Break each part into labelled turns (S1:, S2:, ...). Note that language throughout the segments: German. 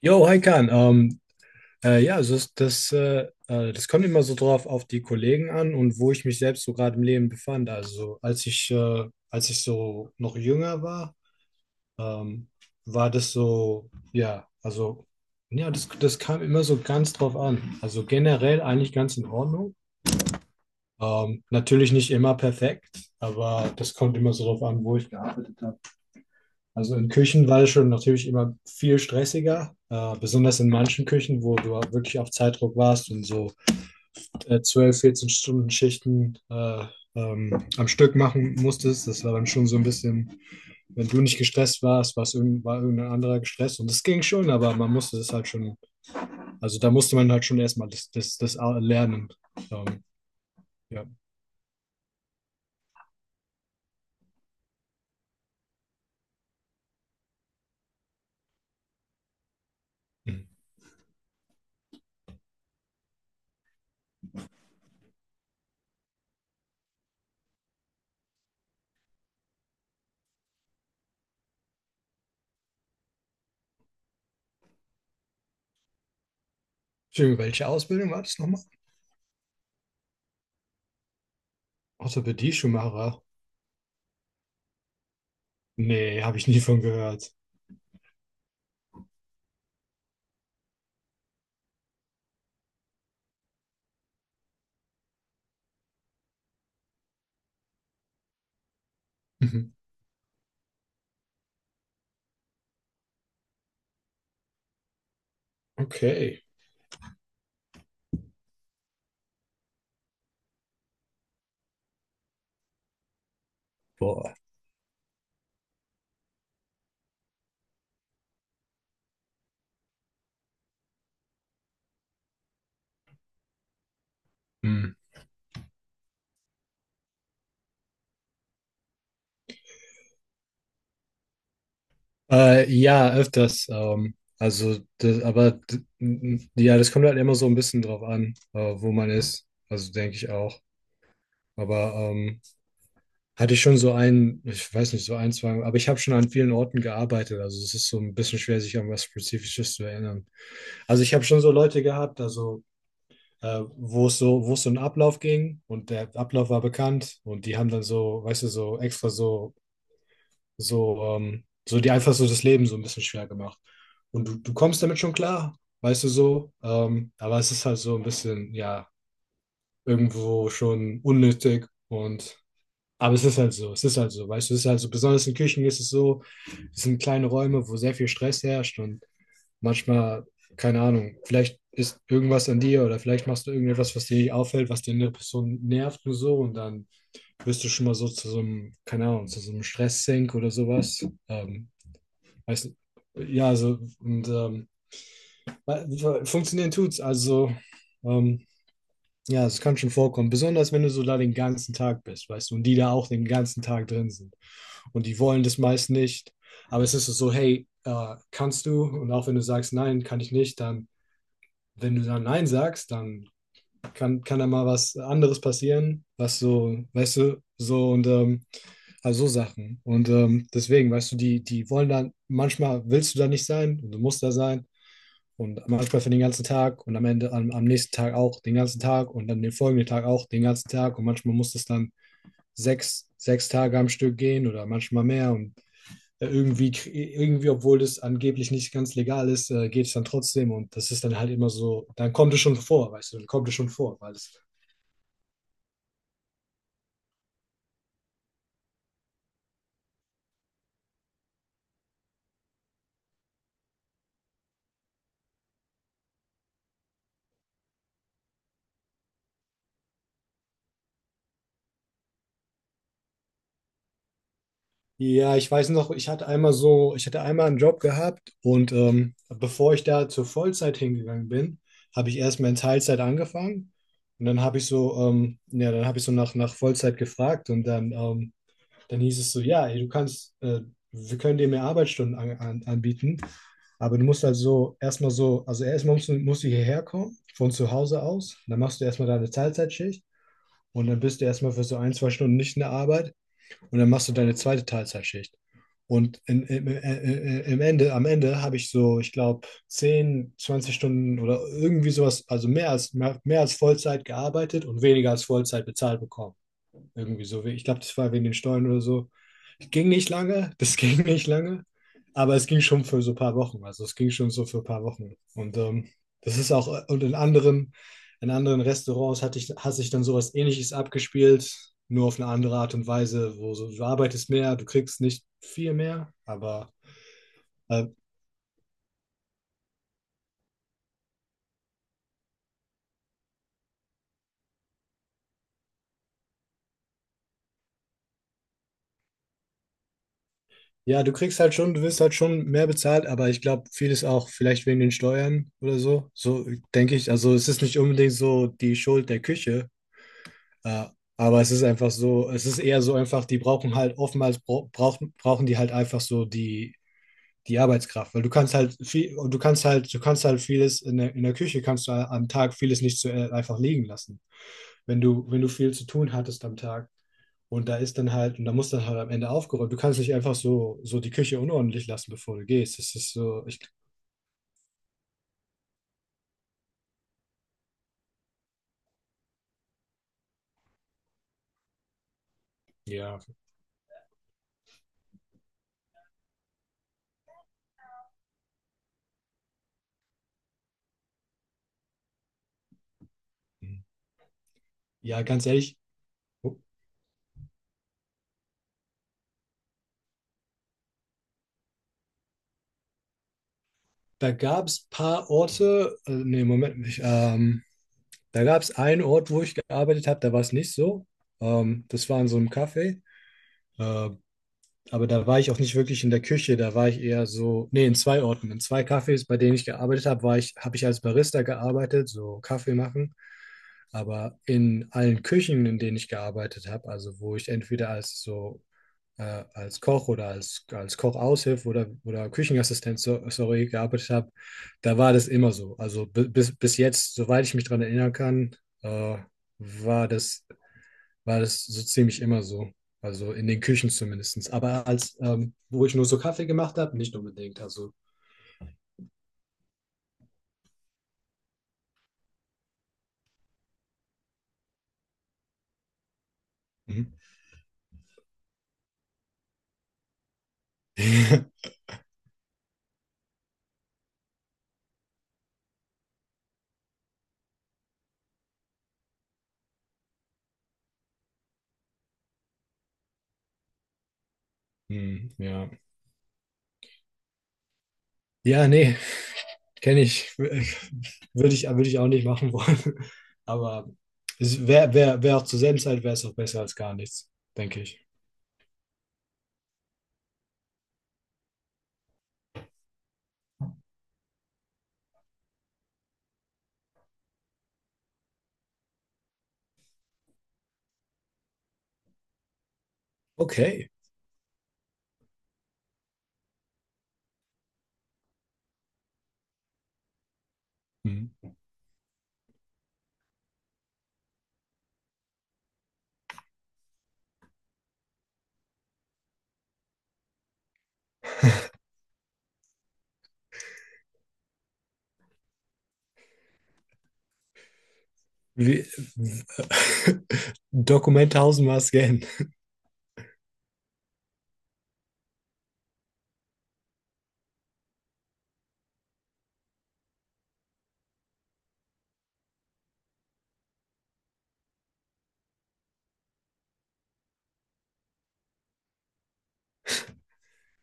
S1: Jo, hi Kahn. Ja, also das kommt immer so drauf auf die Kollegen an und wo ich mich selbst so gerade im Leben befand. Also als ich so noch jünger war, ähm, war das so, ja, also ja, das kam immer so ganz drauf an. Also generell eigentlich ganz in Ordnung. Natürlich nicht immer perfekt, aber das kommt immer so drauf an, wo ich gearbeitet habe. Also in Küchen war das schon natürlich immer viel stressiger, besonders in manchen Küchen, wo du wirklich auf Zeitdruck warst und so 12, 14 Stunden Schichten am Stück machen musstest. Das war dann schon so ein bisschen, wenn du nicht gestresst warst, war irgendein anderer gestresst und das ging schon, aber man musste das halt schon, also da musste man halt schon erstmal das lernen. Ähm, ja. Hm. Entschuldigung, welche Ausbildung war das nochmal? Orthopädie-Schuhmacher? Nee, habe ich nie von gehört. Mhm. Okay. Boah. Hm. Ja, öfters. Also, aber ja, das kommt halt immer so ein bisschen drauf an, wo man ist. Also denke ich auch. Aber hatte ich schon so einen, ich weiß nicht, so ein, zwei, aber ich habe schon an vielen Orten gearbeitet. Also es ist so ein bisschen schwer, sich an was Spezifisches zu erinnern. Also ich habe schon so Leute gehabt, also wo es so, einen Ablauf ging und der Ablauf war bekannt und die haben dann so, weißt du, so extra so, so dir einfach so das Leben so ein bisschen schwer gemacht. Und du kommst damit schon klar, weißt du so. Aber es ist halt so ein bisschen, ja, irgendwo schon unnötig und. Aber es ist halt so, es ist halt so, weißt du, es ist halt so, besonders in Küchen ist es so, es sind kleine Räume, wo sehr viel Stress herrscht und manchmal, keine Ahnung, vielleicht ist irgendwas an dir oder vielleicht machst du irgendetwas, was dir nicht auffällt, was die andere Person nervt nur so und dann wirst du schon mal so zu so einem, keine Ahnung, zu so einem Stresssink oder sowas. Weiß nicht. Ja, also, funktionieren tut's. Also, ähm, ja, es kann schon vorkommen. Besonders wenn du so da den ganzen Tag bist, weißt du, und die da auch den ganzen Tag drin sind. Und die wollen das meist nicht. Aber es ist so, hey, kannst du? Und auch wenn du sagst, nein, kann ich nicht, dann, wenn du dann nein sagst, dann kann da mal was anderes passieren, was so, weißt du, so und also so Sachen. Und deswegen, weißt du, die wollen dann, manchmal willst du da nicht sein und du musst da sein. Und manchmal für den ganzen Tag und am Ende am nächsten Tag auch den ganzen Tag und dann den folgenden Tag auch den ganzen Tag. Und manchmal muss das dann sechs Tage am Stück gehen oder manchmal mehr. Und irgendwie, obwohl das angeblich nicht ganz legal ist, geht es dann trotzdem und das ist dann halt immer so, dann kommt es schon vor, weißt du, dann kommt es schon vor, weil es. Ja, ich weiß noch, ich hatte einmal einen Job gehabt und bevor ich da zur Vollzeit hingegangen bin, habe ich erstmal in Teilzeit angefangen und dann habe ich so, ja, dann habe ich so nach Vollzeit gefragt und dann hieß es so, ja, ey, wir können dir mehr Arbeitsstunden anbieten, aber du musst also erstmal so, also erstmal musst du hierher kommen von zu Hause aus, dann machst du erstmal deine Teilzeitschicht und dann bist du erstmal für so ein, zwei Stunden nicht in der Arbeit. Und dann machst du deine zweite Teilzeitschicht. Und in, im, im Ende, am Ende habe ich so, ich glaube, 10 20 Stunden oder irgendwie sowas, also mehr als, mehr, mehr als Vollzeit gearbeitet und weniger als Vollzeit bezahlt bekommen. Irgendwie so. Ich glaube, das war wegen den Steuern oder so. Ging nicht lange, das ging nicht lange, aber es ging schon für so ein paar Wochen. Also es ging schon so für ein paar Wochen. Und das ist auch, und in anderen, Restaurants hatte ich, hat sich dann sowas ähnliches abgespielt, nur auf eine andere Art und Weise, wo so, du arbeitest mehr, du kriegst nicht viel mehr, aber äh, ja, du kriegst halt schon, du wirst halt schon mehr bezahlt, aber ich glaube, vieles auch vielleicht wegen den Steuern oder so. So denke ich. Also es ist nicht unbedingt so die Schuld der Küche. Ja, aber es ist einfach so, es ist eher so einfach, die brauchen halt oftmals brauchen die halt einfach so die Arbeitskraft, weil du kannst halt vieles in der Küche kannst du am Tag vieles nicht so einfach liegen lassen. Wenn du viel zu tun hattest am Tag und da ist dann halt, und da muss dann halt am Ende aufgeräumt. Du kannst nicht einfach so die Küche unordentlich lassen, bevor du gehst. Das ist so, ich, ja, ja, ganz ehrlich, oh, da gab es paar Orte, nee, Moment, ich, da gab es einen Ort, wo ich gearbeitet habe, da war es nicht so. Das war in so einem Café. Äh, aber da war ich auch nicht wirklich in der Küche, da war ich eher so, nee, in zwei Orten, in zwei Cafés, bei denen ich gearbeitet habe, war ich, habe ich als Barista gearbeitet, so Kaffee machen. Aber in allen Küchen, in denen ich gearbeitet habe, also wo ich entweder als Koch oder als Kochaushilfe oder Küchenassistent, so, sorry, gearbeitet habe, da war das immer so. Also bis jetzt, soweit ich mich daran erinnern kann, äh, war das, so ziemlich immer so. Also in den Küchen zumindest. Aber wo ich nur so Kaffee gemacht habe, nicht unbedingt. Also. Mhm. Hm, ja. Ja, nee, kenne ich. Würde ich auch nicht machen wollen. Aber es wäre wär, wär wär auch zur selben Zeit wäre es auch besser als gar nichts, denke ich. Okay. Mhm. Wie, Dokument tausendmal scannen.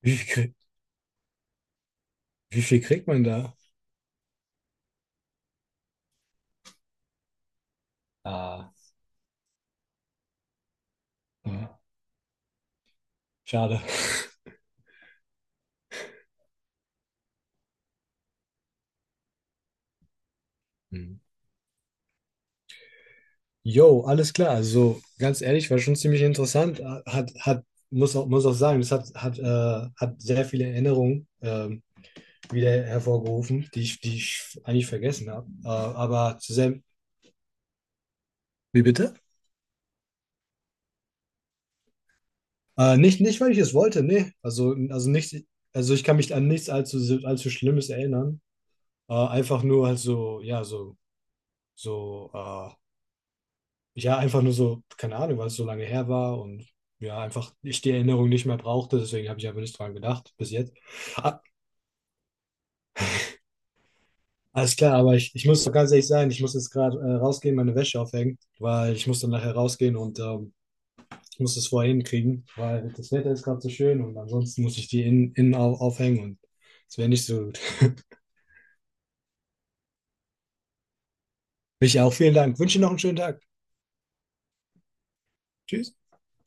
S1: Wie viel, krieg- wie viel kriegt man da? Ah, ja, schade. Mhm. Jo, alles klar. Also ganz ehrlich, war schon ziemlich interessant. Hat, hat, muss auch sagen, das hat sehr viele Erinnerungen wieder hervorgerufen, die ich eigentlich vergessen habe. Aber zu sehr. Wie bitte? Nicht, weil ich es wollte, nee. Also nicht, also ich kann mich an nichts allzu Schlimmes erinnern. Einfach nur halt so, ja, so, ja, einfach nur so, keine Ahnung, weil es so lange her war und ja, einfach ich die Erinnerung nicht mehr brauchte, deswegen habe ich einfach nicht dran gedacht bis jetzt. Ah, alles klar, aber ich muss ganz ehrlich sein, ich muss jetzt gerade rausgehen, meine Wäsche aufhängen, weil ich muss dann nachher rausgehen und ich muss das vorher hinkriegen, weil das Wetter ist gerade so schön und ansonsten muss ich die aufhängen und es wäre nicht so gut. Ich auch vielen Dank. Wünsche noch einen schönen Tag. Tschüss.